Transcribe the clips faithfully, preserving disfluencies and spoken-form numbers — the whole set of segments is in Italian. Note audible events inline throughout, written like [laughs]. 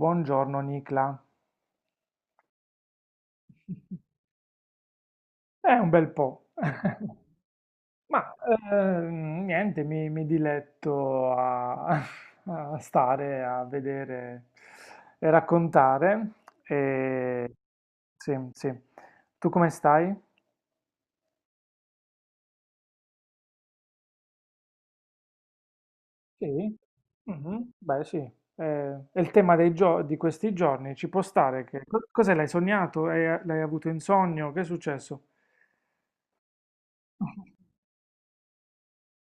Buongiorno Nicla. È un bel po'. [laughs] Ma ehm, niente, mi, mi diletto a, [laughs] a stare, a vedere e raccontare. E, sì, sì. Tu come stai? Sì. Mhm, beh, sì. Eh, è il tema dei gio- di questi giorni. Ci può stare che co- cos'è? L'hai sognato? Hai- L'hai avuto in sogno? Che è successo?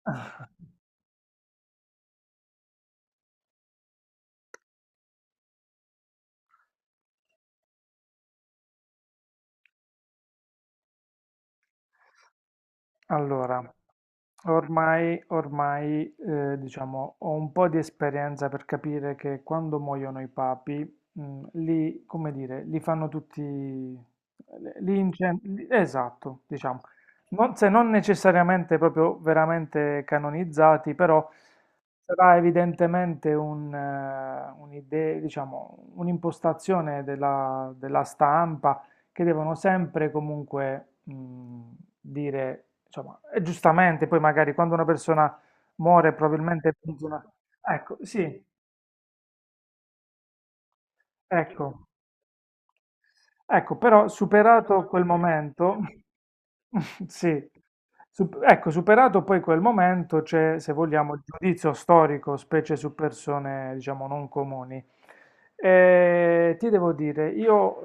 [laughs] Allora, ormai, ormai eh, diciamo, ho un po' di esperienza per capire che quando muoiono i papi, mh, li, come dire, li fanno tutti, li incen- li- esatto, diciamo, non, se non necessariamente proprio veramente canonizzati, però sarà evidentemente un, eh, un'idea, diciamo, un'impostazione della, della stampa che devono sempre comunque mh, dire, insomma, e giustamente poi magari quando una persona muore probabilmente punta una... Ecco, sì, ecco, ecco, però superato quel momento, [laughs] sì, Sup- ecco, superato poi quel momento c'è, se vogliamo, il giudizio storico, specie su persone, diciamo, non comuni. Eh, ti devo dire, io,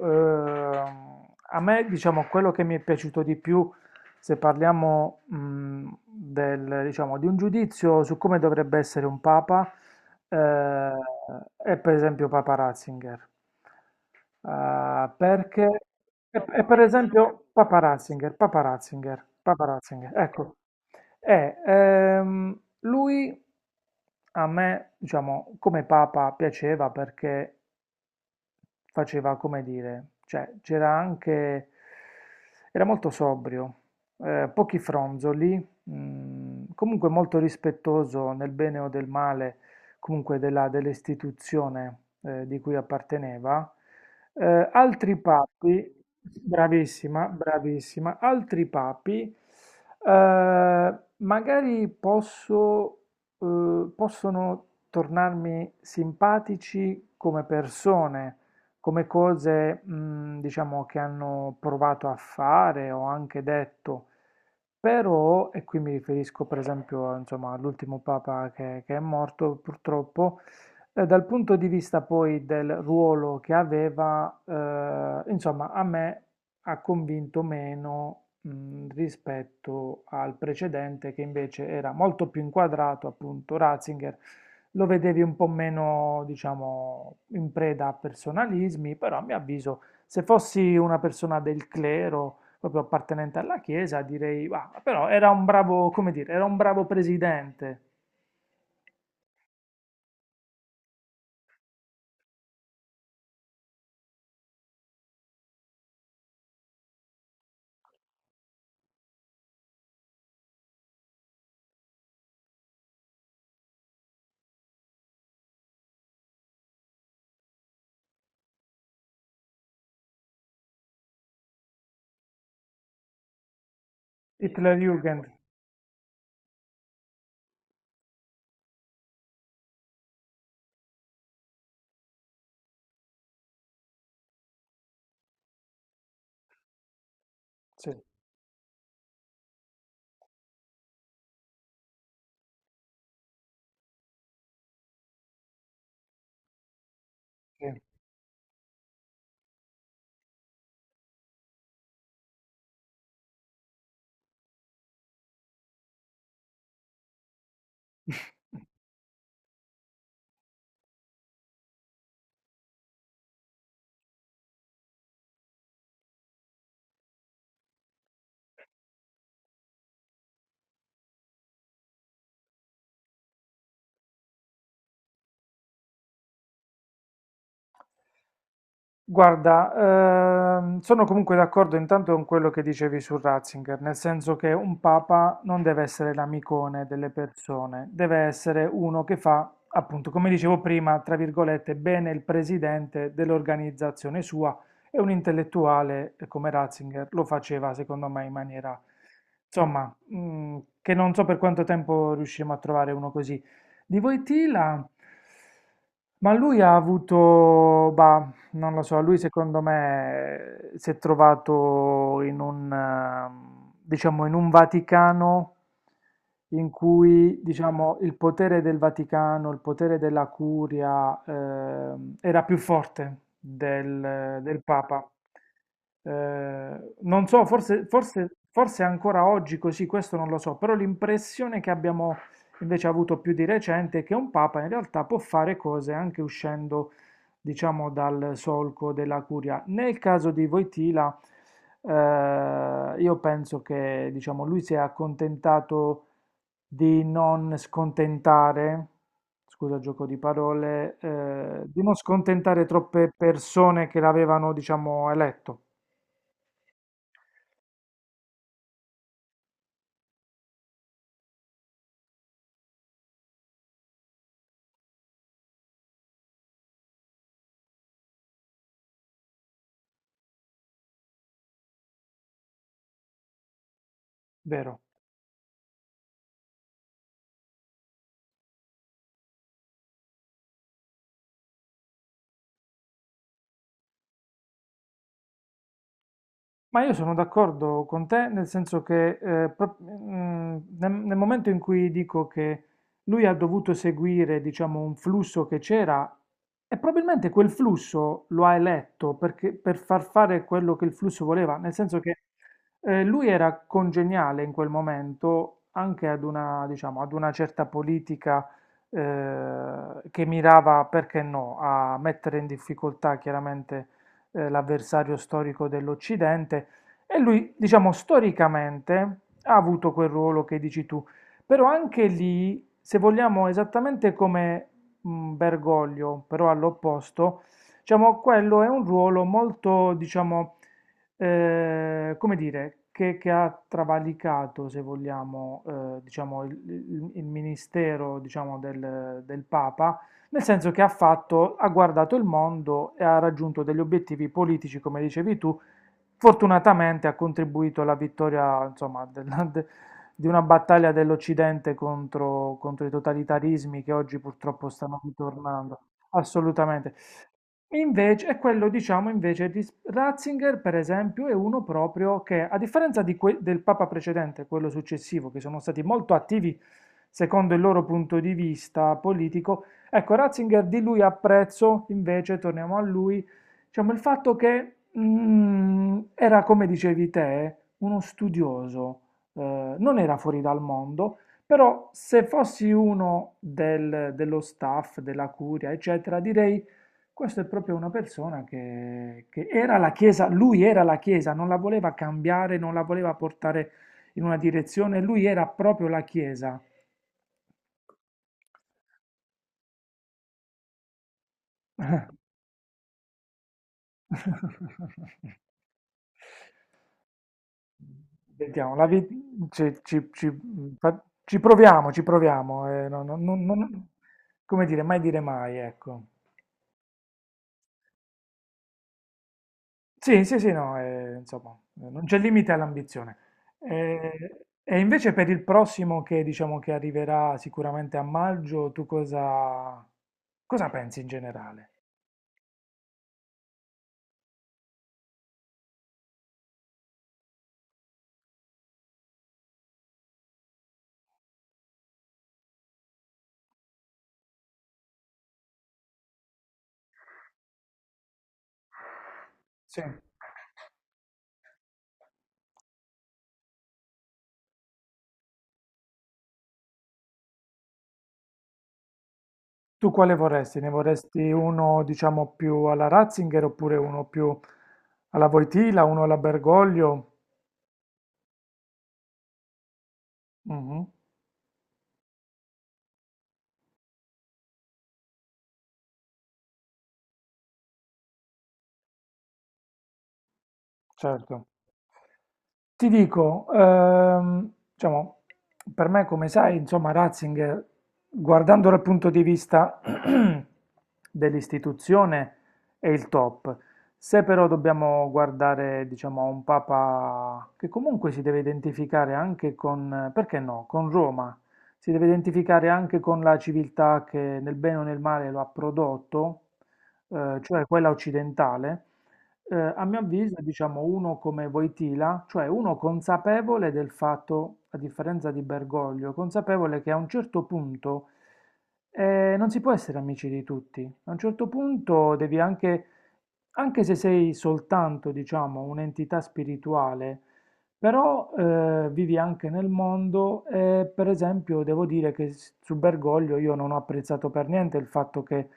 ehm, a me, diciamo, quello che mi è piaciuto di più, se parliamo, mh, del, diciamo, di un giudizio su come dovrebbe essere un papa, eh, è per esempio Papa Ratzinger. Ah, perché e, e per esempio Papa Ratzinger, Papa Ratzinger, Papa Ratzinger, ecco, e, ehm, lui a me, diciamo, come Papa piaceva perché faceva come dire, cioè c'era anche, era molto sobrio, eh, pochi fronzoli, mm, comunque molto rispettoso nel bene o del male, comunque della, dell'istituzione eh, di cui apparteneva. Eh, altri papi, bravissima, bravissima, altri papi, eh, magari posso, eh, possono tornarmi simpatici come persone, come cose, mh, diciamo, che hanno provato a fare o anche detto, però, e qui mi riferisco per esempio, insomma, all'ultimo papa che, che è morto purtroppo, eh, dal punto di vista poi del ruolo che aveva, eh, insomma, a me ha convinto meno, mh, rispetto al precedente che invece era molto più inquadrato, appunto, Ratzinger lo vedevi un po' meno, diciamo, in preda a personalismi, però a mio avviso, se fossi una persona del clero, proprio appartenente alla Chiesa, direi, "Ah, però era un bravo, come dire, era un bravo presidente." Sì, era un bravo Hitlerjugend, sì, sì. [laughs] Guarda, ehm, sono comunque d'accordo intanto con quello che dicevi su Ratzinger, nel senso che un papa non deve essere l'amicone delle persone, deve essere uno che fa, appunto, come dicevo prima, tra virgolette, bene il presidente dell'organizzazione sua e un intellettuale eh, come Ratzinger lo faceva, secondo me, in maniera, insomma, mm, che non so per quanto tempo riusciremo a trovare uno così. Di Voitila, ma lui ha avuto, bah, non lo so, lui secondo me eh, si è trovato in un, ehm, diciamo, in un Vaticano in cui, diciamo, il potere del Vaticano, il potere della Curia, ehm, era più forte del, del Papa. Eh, non so, forse, forse, forse ancora oggi così, questo non lo so, però l'impressione che abbiamo invece avuto più di recente è che un Papa in realtà può fare cose anche uscendo diciamo, dal solco della curia. Nel caso di Wojtyla, eh, io penso che, diciamo, lui si è accontentato di non scontentare, scusa il gioco di parole, eh, di non scontentare troppe persone che l'avevano, diciamo, eletto, vero? Ma io sono d'accordo con te, nel senso che eh, pro- mm, nel, nel momento in cui dico che lui ha dovuto seguire, diciamo, un flusso che c'era, e probabilmente quel flusso lo ha eletto perché- per far fare quello che il flusso voleva, nel senso che eh, lui era congeniale in quel momento anche ad una, diciamo, ad una certa politica eh, che mirava, perché no, a mettere in difficoltà chiaramente eh, l'avversario storico dell'Occidente, e lui, diciamo, storicamente ha avuto quel ruolo che dici tu, però anche lì, se vogliamo, esattamente come mh, Bergoglio, però all'opposto, diciamo, quello è un ruolo molto, diciamo, eh, come dire, che, che ha travalicato, se vogliamo, eh, diciamo, il, il- il ministero, diciamo, del, del Papa nel senso che ha fatto, ha guardato il mondo e ha raggiunto degli obiettivi politici, come dicevi tu. Fortunatamente ha contribuito alla vittoria, insomma, della- de- di una battaglia dell'Occidente contro, contro i totalitarismi che oggi purtroppo stanno ritornando. Assolutamente. Invece, e quello diciamo invece di S- Ratzinger, per esempio, è uno proprio che, a differenza di que- del Papa precedente, quello successivo, che sono stati molto attivi secondo il loro punto di vista politico, ecco, Ratzinger di lui apprezzo, invece, torniamo a lui, diciamo il fatto che mm, era, come dicevi te, uno studioso, eh, non era fuori dal mondo, però se fossi uno del- dello staff, della curia, eccetera, direi questo è proprio una persona che, che era la Chiesa, lui era la Chiesa, non la voleva cambiare, non la voleva portare in una direzione, lui era proprio la Chiesa. [laughs] Vediamo, la vi- ci, ci- ci- fa- ci proviamo, ci proviamo, eh, no- no- no- no- no- come dire, mai dire mai, ecco. Sì, sì, sì, no, eh, insomma, eh, non c'è limite all'ambizione. Eh, e invece per il prossimo che diciamo che arriverà sicuramente a maggio, tu cosa, cosa pensi in generale? Sì. Tu quale vorresti? Ne vorresti uno, diciamo, più alla Ratzinger oppure uno più alla Voitila, uno alla Bergoglio? Mhm. Certo. Ti dico, ehm, diciamo, per me, come sai, insomma, Ratzinger, guardando dal punto di vista [clears throat] dell'istituzione, è il top. Se però dobbiamo guardare, diciamo, a un papa che comunque si deve identificare anche con, perché no, con Roma, si deve identificare anche con la civiltà che nel bene o nel male lo ha prodotto, eh, cioè quella occidentale. Eh, a mio avviso, diciamo, uno come Wojtyla, cioè uno consapevole del fatto, a differenza di Bergoglio, consapevole che a un certo punto eh, non si può essere amici di tutti. A un certo punto devi anche, anche se sei soltanto, diciamo, un'entità spirituale, però eh, vivi anche nel mondo e, per esempio, devo dire che s- su Bergoglio io non ho apprezzato per niente il fatto che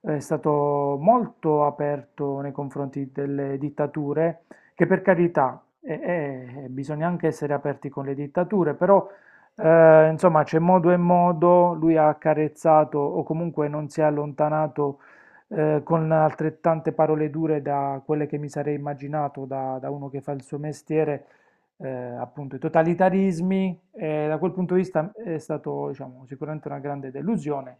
è stato molto aperto nei confronti delle dittature, che per carità, eh, eh, bisogna anche essere aperti con le dittature, però eh, insomma c'è modo e modo, lui ha accarezzato o comunque non si è allontanato eh, con altrettante parole dure da quelle che mi sarei immaginato da, da uno che fa il suo mestiere, eh, appunto i totalitarismi, e da quel punto di vista è stato diciamo, sicuramente una grande delusione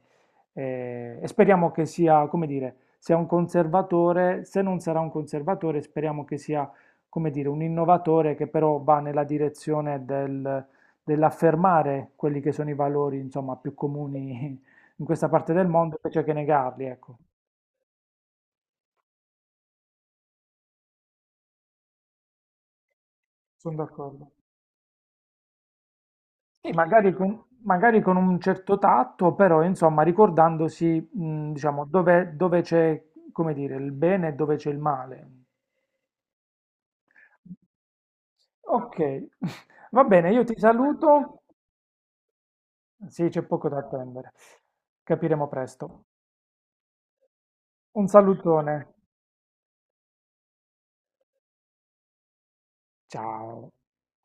eh, e speriamo che sia, come dire, sia un conservatore, se non sarà un conservatore, speriamo che sia, come dire, un innovatore che però va nella direzione del- dell'affermare quelli che sono i valori, insomma, più comuni in questa parte del mondo, invece che negarli, ecco. Sono d'accordo. Sì, magari con, magari con un certo tatto, però insomma ricordandosi, mh, diciamo, dove, dove c'è, come dire, il bene e dove c'è il male. Ok, [laughs] va bene, io ti saluto. Sì, c'è poco da attendere. Capiremo presto. Un salutone. Ciao.